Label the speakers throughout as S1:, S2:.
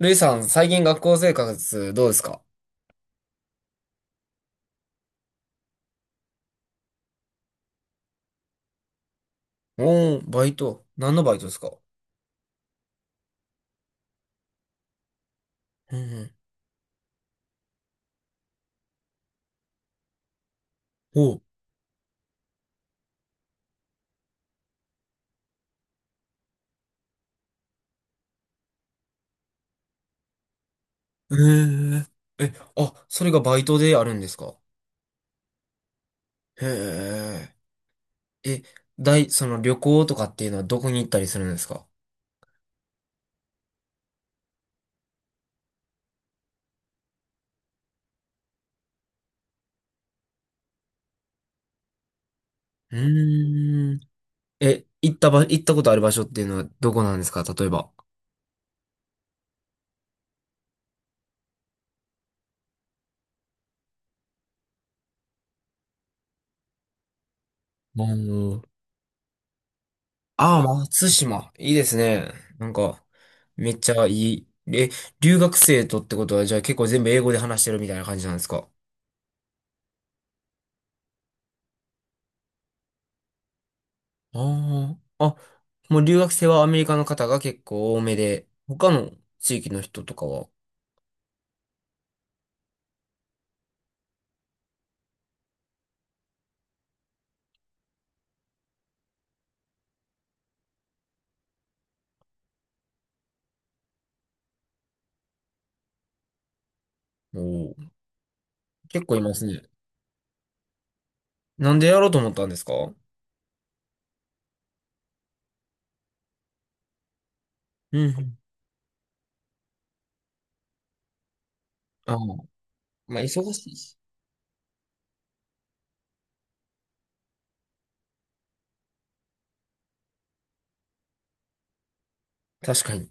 S1: ルイさん、最近学校生活どうですか？おー、バイト。何のバイトですか？うんうん。おー、えー、え、あ、それがバイトであるんですか？へえ。え、その旅行とかっていうのはどこに行ったりするんですか？うーん。え、行ったことある場所っていうのはどこなんですか、例えば。おー。ああ、松島。いいですね。なんか、めっちゃいい。え、留学生とってことは、じゃあ結構全部英語で話してるみたいな感じなんですか？ああ。あ、もう留学生はアメリカの方が結構多めで、他の地域の人とかは、おー、結構いますね。なんでやろうと思ったんですか？うんうん。ああ、まあ忙しいし。確かに。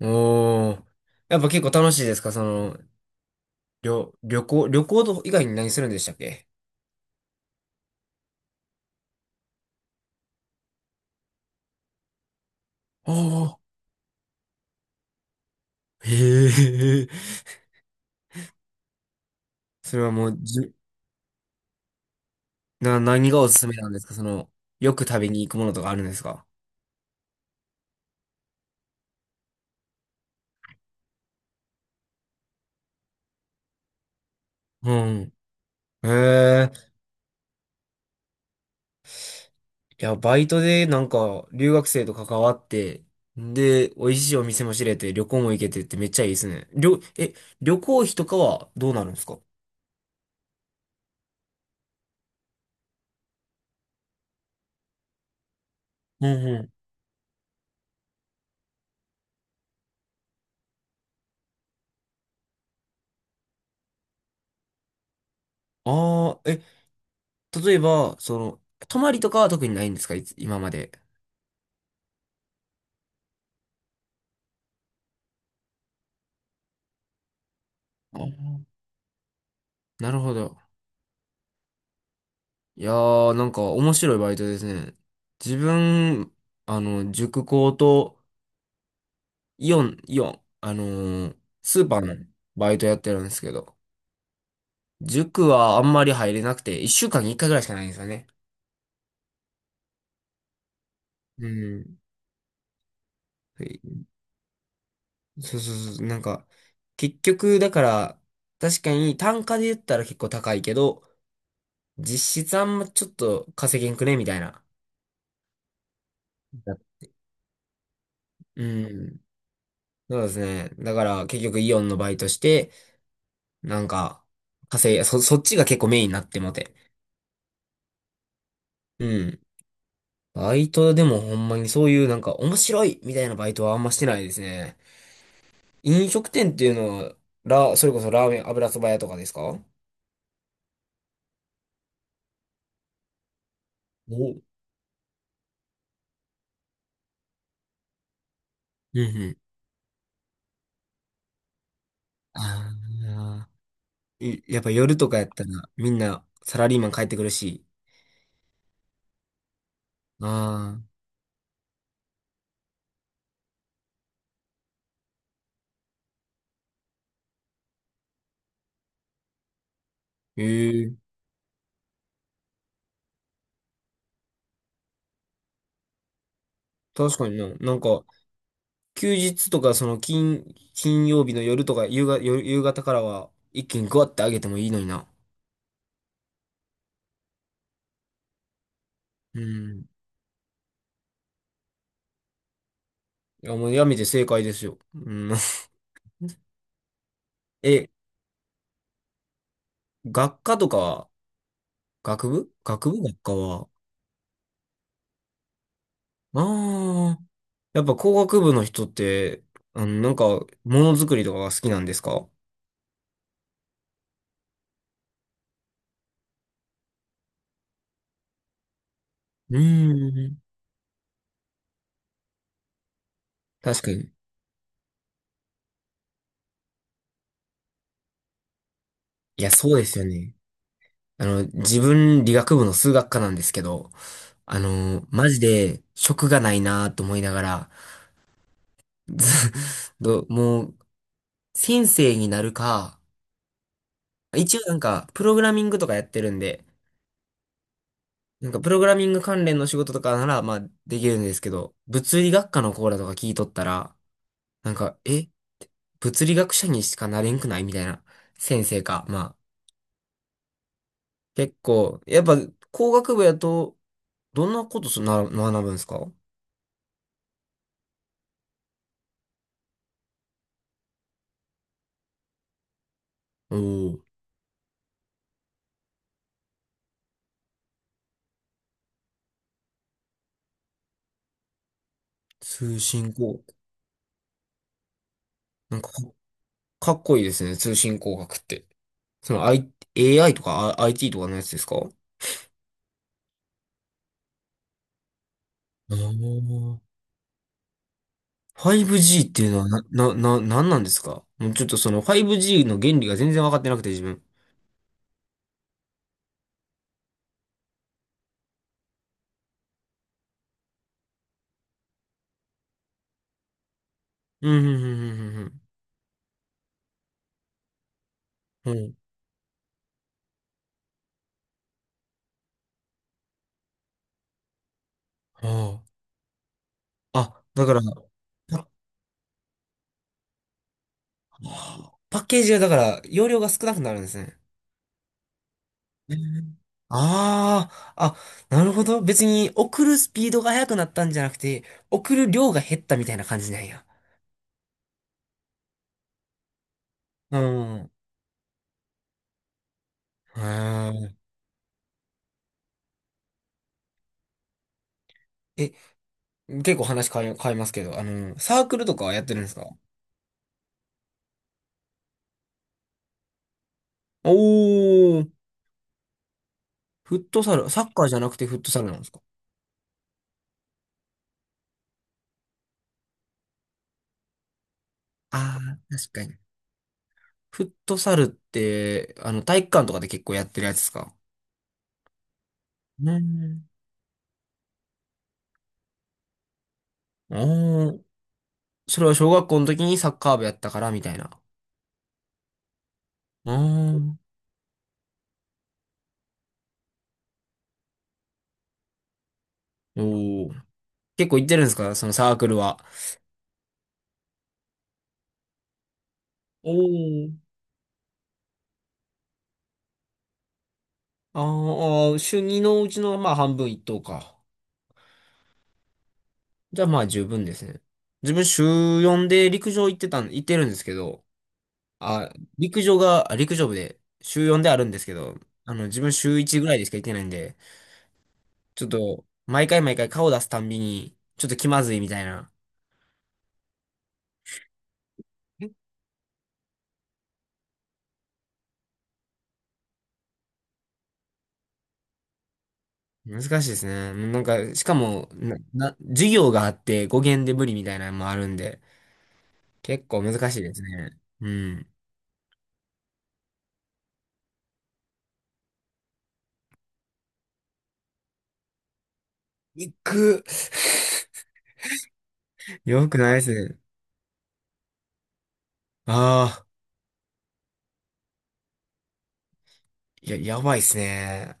S1: おー。やっぱ結構楽しいですか、その、旅行と以外に何するんでしたっけ？ああー、へえ。それはもう、じゅ、な、何がおすすめなんですか、その、よく食べに行くものとかあるんですか？うん。へえ。いや、バイトでなんか留学生と関わって、で、美味しいお店も知れて、旅行も行けてってめっちゃいいですね。え、旅行費とかはどうなるんですか？うんうん。ああ、え、例えば、その、泊まりとかは特にないんですか、いつ、今まで。あー、なるほど。いやー、なんか面白いバイトですね。自分、あの、塾講と、イオン、ースーパーのバイトやってるんですけど、塾はあんまり入れなくて、一週間に一回ぐらいしかないんですよね。うん。はい。そうそうそう。なんか、結局、だから、確かに単価で言ったら結構高いけど、実質あんまちょっと稼げんくねみたいな。うん。そうですね。だから結局イオンのバイトして、なんか、稼い、そ、そっちが結構メインになってもて。うん。バイトでもほんまにそういうなんか面白いみたいなバイトはあんましてないですね。飲食店っていうのは、それこそラーメン、油そば屋とかですか？お、うんうん。ああ。いやっぱ夜とかやったらみんなサラリーマン帰ってくるし。ああ、ええ、確かにな。なんか、休日とかその金曜日の夜とか夜夕方からは一気にグワってあげてもいいのにな。うん。いや、もうやめて正解ですよ。うん。え、学科とかは、学部学科は、ああ、やっぱ工学部の人って、あの、なんか、ものづくりとかが好きなんですか？うーん。確かに。いや、そうですよね。あの、自分、理学部の数学科なんですけど、あの、マジで、職がないなと思いながら、ず もう、先生になるか、一応なんか、プログラミングとかやってるんで、なんか、プログラミング関連の仕事とかなら、まあ、できるんですけど、物理学科のコーラとか聞いとったら、なんか、え、物理学者にしかなれんくないみたいな先生か。まあ、結構、やっぱ工学部やと、どんなこと学ぶんですかお？おー、通信工学。なんかかっこいいですね、通信工学って。その、AI とかIT とかのやつですか？あー、 5G っていうのはなんなんですか、もうちょっとその 5G の原理が全然分かってなくて自分。うん、うん、うん、うん、うん。うん。うん、ああ。あ、だから、パはあパッケージがだから、容量が少なくなるんですね。うん。ああ、あ、なるほど。別に送るスピードが速くなったんじゃなくて、送る量が減ったみたいな感じなんや。うん。うーん。え、結構話変えますけど、あの、サークルとかはやってるんですか？おー、フットサル、サッカーじゃなくてフットサルなんですか？ああー、確かに。フットサルって、あの、体育館とかで結構やってるやつですか？うん。おー。それは小学校の時にサッカー部やったからみたいな。うーん。おー。結構行ってるんですかそのサークルは。おー。あーあー、週2のうちのまあ半分一等か。じゃあまあ十分ですね。自分週4で陸上行ってるんですけど、あ、陸上部で週4であるんですけど、あの自分週1ぐらいでしか行ってないんで、ちょっと毎回毎回顔出すたんびに、ちょっと気まずいみたいな。難しいですね。なんか、しかも、授業があって語源で無理みたいなのもあるんで、結構難しいですね。うん。行く。よくないですね。ああ、いや、やばいっすね。